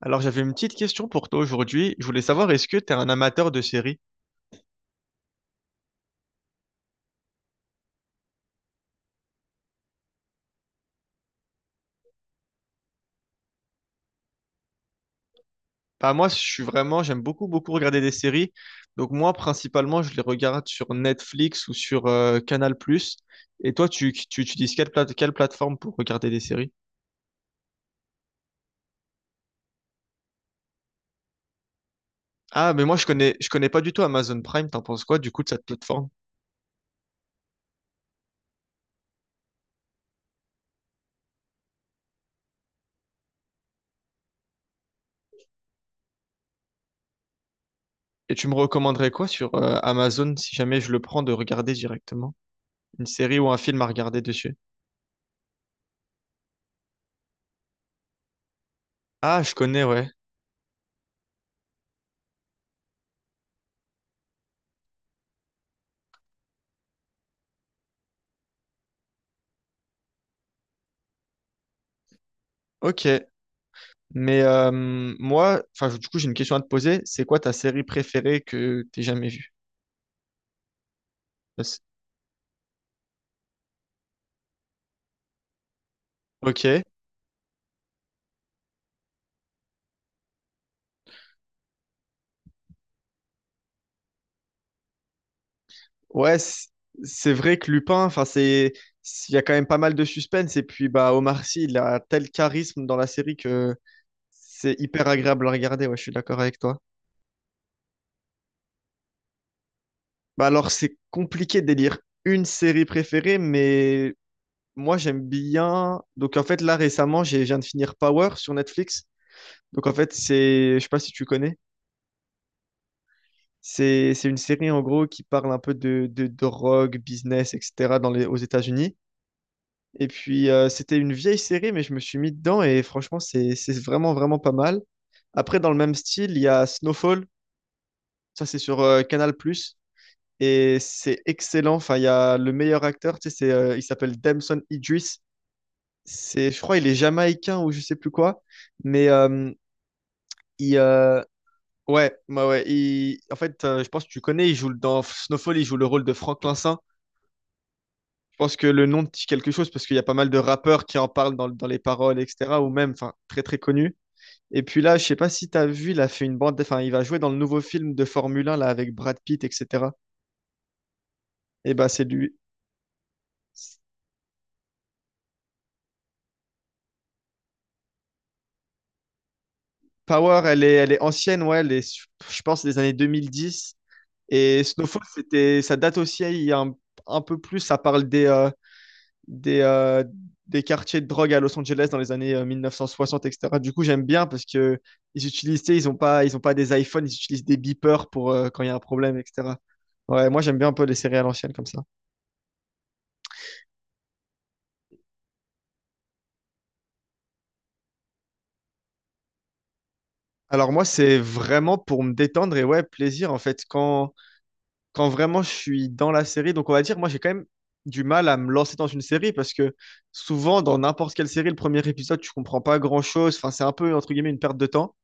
Alors, j'avais une petite question pour toi aujourd'hui. Je voulais savoir, est-ce que tu es un amateur de séries? Moi, je suis vraiment, j'aime beaucoup, beaucoup regarder des séries. Donc, moi, principalement, je les regarde sur Netflix ou sur Canal+. Plus. Et toi, tu utilises quelle plateforme pour regarder des séries? Ah, mais moi, je connais pas du tout Amazon Prime. T'en penses quoi, du coup, de cette plateforme? Et tu me recommanderais quoi sur Amazon si jamais je le prends de regarder directement? Une série ou un film à regarder dessus? Ah, je connais, ouais. Ok. Mais moi, enfin, du coup, j'ai une question à te poser. C'est quoi ta série préférée que t'aies jamais vue? Parce- Ok. Ouais, c- c'est vrai que Lupin, enfin, c'est, il y a quand même pas mal de suspense. Et puis, bah, Omar Sy, il a tel charisme dans la série que c'est hyper agréable à regarder. Ouais, je suis d'accord avec toi. Bah, alors, c'est compliqué d'élire une série préférée, mais moi, j'aime bien. Donc, en fait, là, récemment, je viens de finir Power sur Netflix. Donc, en fait, c'est, je sais pas si tu connais. C'est une série en gros qui parle un peu de drogue, business, etc. dans les, aux États-Unis. Et puis c'était une vieille série, mais je me suis mis dedans et franchement c'est vraiment vraiment pas mal. Après dans le même style, il y a Snowfall, ça c'est sur Canal+, et c'est excellent. Enfin il y a le meilleur acteur, tu sais, c'est, il s'appelle Damson Idris. C'est, je crois il est jamaïcain ou je sais plus quoi, mais il, euh, En fait, je pense que tu connais, dans Snowfall, il joue le rôle de Franklin Saint. Je pense que le nom te dit quelque chose parce qu'il y a pas mal de rappeurs qui en parlent dans les paroles, etc. Ou même, enfin, très très connus. Et puis là, je sais pas si tu as vu, il a fait une bande, enfin, il va jouer dans le nouveau film de Formule 1 là avec Brad Pitt, etc. Et bah, c'est lui. Power, elle est ancienne, ouais, elle est, je pense, des années 2010. Et Snowfall, ça date aussi il y a un peu plus, ça parle des, euh, des quartiers de drogue à Los Angeles dans les années 1960, etc. Du coup, j'aime bien parce que ils utilisent, tu sais, ils ont pas des iPhones, ils utilisent des beepers pour quand il y a un problème, etc. Ouais, moi j'aime bien un peu les séries à l'ancienne comme ça. Alors moi c'est vraiment pour me détendre et ouais, plaisir en fait quand vraiment je suis dans la série. Donc on va dire moi j'ai quand même du mal à me lancer dans une série parce que souvent dans n'importe quelle série le premier épisode tu comprends pas grand-chose, enfin c'est un peu entre guillemets une perte de temps.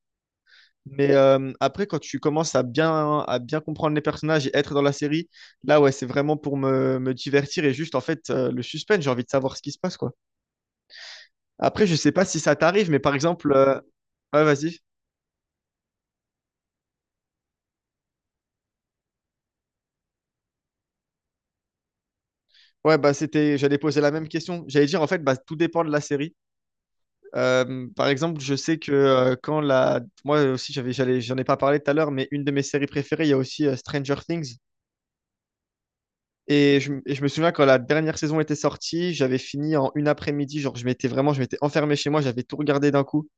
Mais après, quand tu commences à bien comprendre les personnages et être dans la série, là, ouais, c'est vraiment pour me divertir et juste, en fait, le suspense, j'ai envie de savoir ce qui se passe, quoi. Après, je sais pas si ça t'arrive, mais par exemple, ouais, vas-y. Ouais, bah, c'était, j'allais poser la même question. J'allais dire, en fait, bah, tout dépend de la série. Par exemple, je sais que moi aussi, j'en ai pas parlé tout à l'heure, mais une de mes séries préférées, il y a aussi Stranger Things. Et je me souviens quand la dernière saison était sortie, j'avais fini en une après-midi. Genre, je m'étais enfermé chez moi, j'avais tout regardé d'un coup.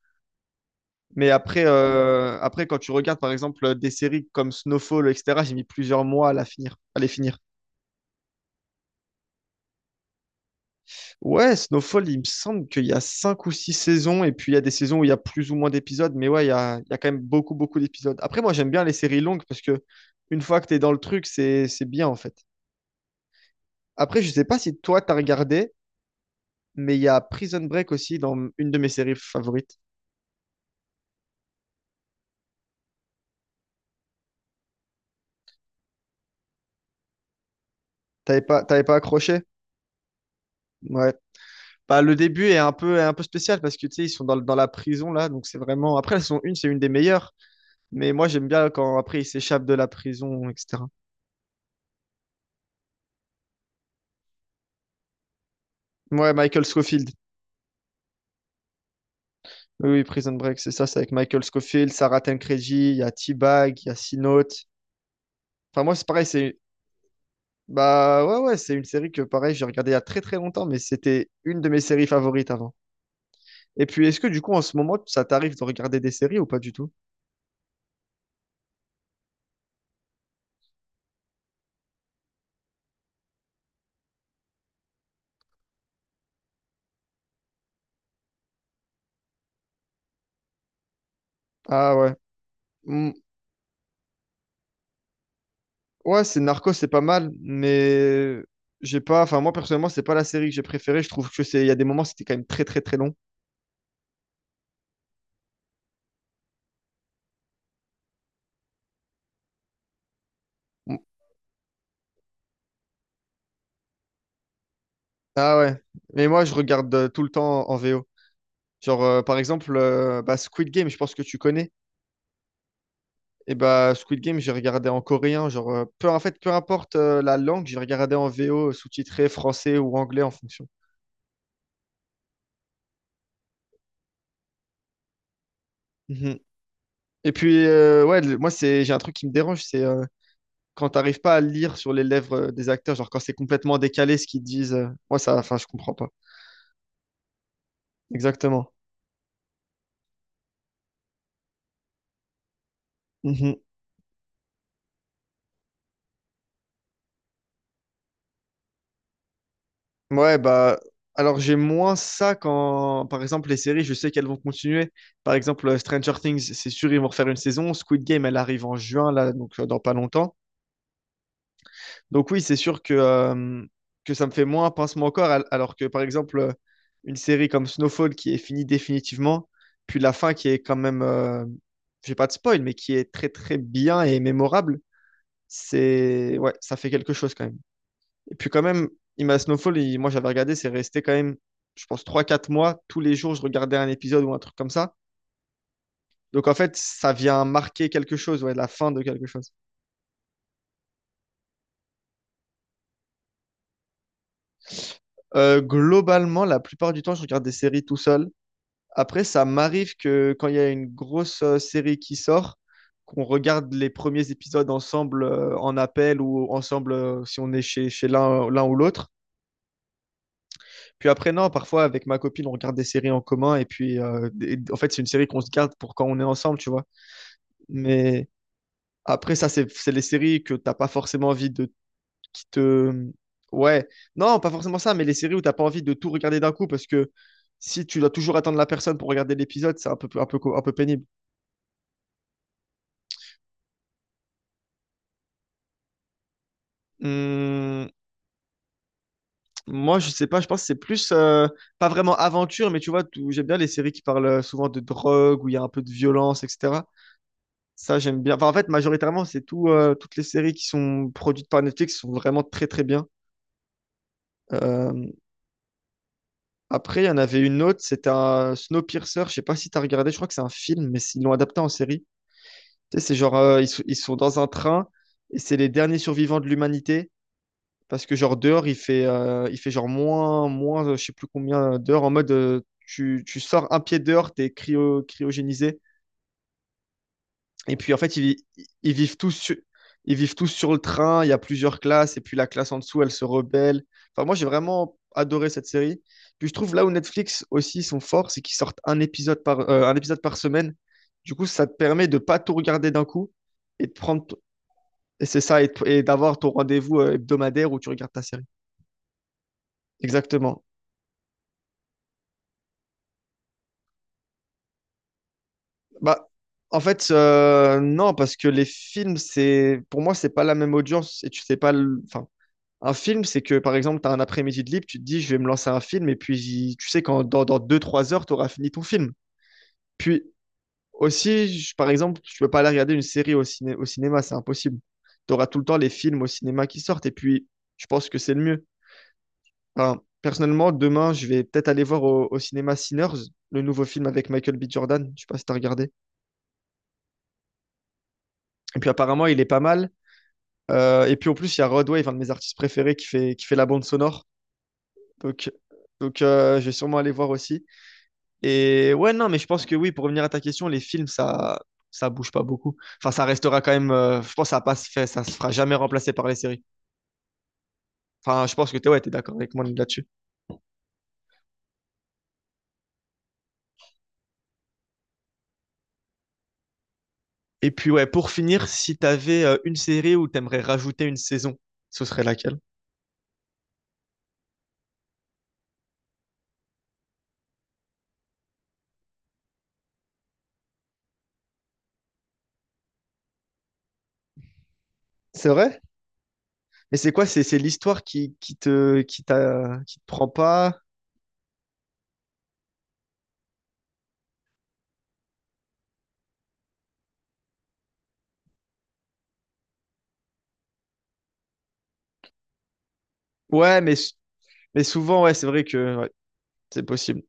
Mais après, quand tu regardes par exemple des séries comme Snowfall, etc., j'ai mis plusieurs mois à les finir. Ouais, Snowfall, il me semble qu'il y a cinq ou six saisons, et puis il y a des saisons où il y a plus ou moins d'épisodes, mais ouais, il y a quand même beaucoup, beaucoup d'épisodes. Après, moi, j'aime bien les séries longues parce que une fois que tu es dans le truc, c'est bien en fait. Après, je sais pas si toi, t'as regardé, mais il y a Prison Break aussi dans une de mes séries favorites. T'avais pas accroché? Ouais. Bah, le début est un peu spécial parce que tu sais, ils sont dans, le- dans la prison là, donc c'est vraiment. Après, c'est une des meilleures, mais moi j'aime bien quand après ils s'échappent de la prison, etc. Ouais, Michael Scofield. Oui, oui, Prison Break, c'est ça, c'est avec Michael Scofield, Sarah Tancredi, il y a T-Bag, il y a Sea Note. Enfin, moi c'est pareil, c'est. Bah ouais, ouais, c'est une série que pareil, j'ai regardée il y a très très longtemps, mais c'était une de mes séries favorites avant. Et puis, est-ce que du coup, en ce moment, ça t'arrive de regarder des séries ou pas du tout? Ah ouais. Hmm, ouais, c'est Narcos, c'est pas mal, mais j'ai pas. Enfin, moi personnellement, c'est pas la série que j'ai préférée. Je trouve que c'est. Il y a des moments, c'était quand même très très très long. Mm. Ah ouais. Mais moi, je regarde tout le temps en VO. Genre, Squid Game, je pense que tu connais. Et bah, Squid Game, j'ai regardé en coréen. Genre, peu importe la langue, j'ai regardé en VO, sous-titré français ou anglais en fonction. Mhm. Et puis, moi, c'est j'ai un truc qui me dérange, c'est quand t'arrives pas à le lire sur les lèvres des acteurs, genre quand c'est complètement décalé ce qu'ils disent, moi ça, enfin je comprends pas. Exactement. Mhm. Ouais, bah alors j'ai moins ça quand, par exemple, les séries, je sais qu'elles vont continuer. Par exemple, Stranger Things, c'est sûr, ils vont refaire une saison. Squid Game, elle arrive en juin, là, donc dans pas longtemps. Donc oui, c'est sûr que ça me fait moins pincement au corps, alors que par exemple, une série comme Snowfall qui est finie définitivement, puis la fin qui est quand même, j'ai pas de spoil, mais qui est très très bien et mémorable, c'est ouais, ça fait quelque chose quand même. Et puis quand même, moi j'avais regardé, c'est resté quand même, je pense, trois quatre mois, tous les jours je regardais un épisode ou un truc comme ça. Donc en fait, ça vient marquer quelque chose, ouais, la fin de quelque chose. Globalement, la plupart du temps, je regarde des séries tout seul. Après, ça m'arrive que quand il y a une grosse série qui sort, qu'on regarde les premiers épisodes ensemble en appel ou ensemble si on est chez, chez l'un ou l'autre. Puis après, non, parfois avec ma copine, on regarde des séries en commun et puis en fait, c'est une série qu'on se garde pour quand on est ensemble, tu vois. Mais après, ça, c'est les séries que t'as pas forcément envie de qui te. Ouais, non, pas forcément ça, mais les séries où t'as pas envie de tout regarder d'un coup parce que si tu dois toujours attendre la personne pour regarder l'épisode, c'est un peu pénible. Hum, moi, je sais pas, je pense que c'est plus, pas vraiment aventure, mais tu vois, j'aime bien les séries qui parlent souvent de drogue, où il y a un peu de violence, etc. Ça, j'aime bien. Enfin, en fait, majoritairement, toutes les séries qui sont produites par Netflix sont vraiment très, très bien. Euh, après, il y en avait une autre, c'était un Snowpiercer, je sais pas si t'as regardé, je crois que c'est un film, mais ils l'ont adapté en série. Tu sais, c'est genre, ils sont dans un train, et c'est les derniers survivants de l'humanité, parce que genre dehors, il fait genre moins, je sais plus combien d'heures en mode tu sors un pied dehors, t'es cryogénisé. Et puis en fait, ils vivent tous sur, ils vivent tous sur le train, il y a plusieurs classes, et puis la classe en dessous, elle se rebelle. Enfin, moi, j'ai vraiment adoré cette série. Puis je trouve là où Netflix aussi sont forts, c'est qu'ils sortent un épisode par semaine. Du coup, ça te permet de pas tout regarder d'un coup et de prendre, et d'avoir ton rendez-vous hebdomadaire où tu regardes ta série. Exactement. Bah, en fait, non, parce que les films, c'est pas la même audience et tu sais pas. Enfin, un film, c'est que par exemple, tu as un après-midi de libre, tu te dis, je vais me lancer un film et puis tu sais dans deux trois heures, tu auras fini ton film. Puis aussi, par exemple, tu peux pas aller regarder une série au cinéma, c'est impossible. Tu auras tout le temps les films au cinéma qui sortent et puis je pense que c'est le mieux. Enfin, personnellement, demain, je vais peut-être aller voir au cinéma Sinners, le nouveau film avec Michael B. Jordan. Je sais pas si t'as regardé. Et puis apparemment, il est pas mal. Et puis en plus, il y a Rodwave, un de mes artistes préférés, qui fait la bande sonore. Donc, donc je vais sûrement aller voir aussi. Et ouais, non, mais je pense que oui, pour revenir à ta question, les films, ça bouge pas beaucoup. Enfin, ça restera quand même. Je pense que ça se fera jamais remplacer par les séries. Enfin, je pense que t'es d'accord avec moi là-dessus. Et puis ouais, pour finir, si t'avais avais une série où t'aimerais rajouter une saison, ce serait laquelle? C'est vrai? Mais c'est quoi? C'est l'histoire qui te qui te prend pas? Ouais, mais souvent ouais, c'est vrai que ouais, c'est possible.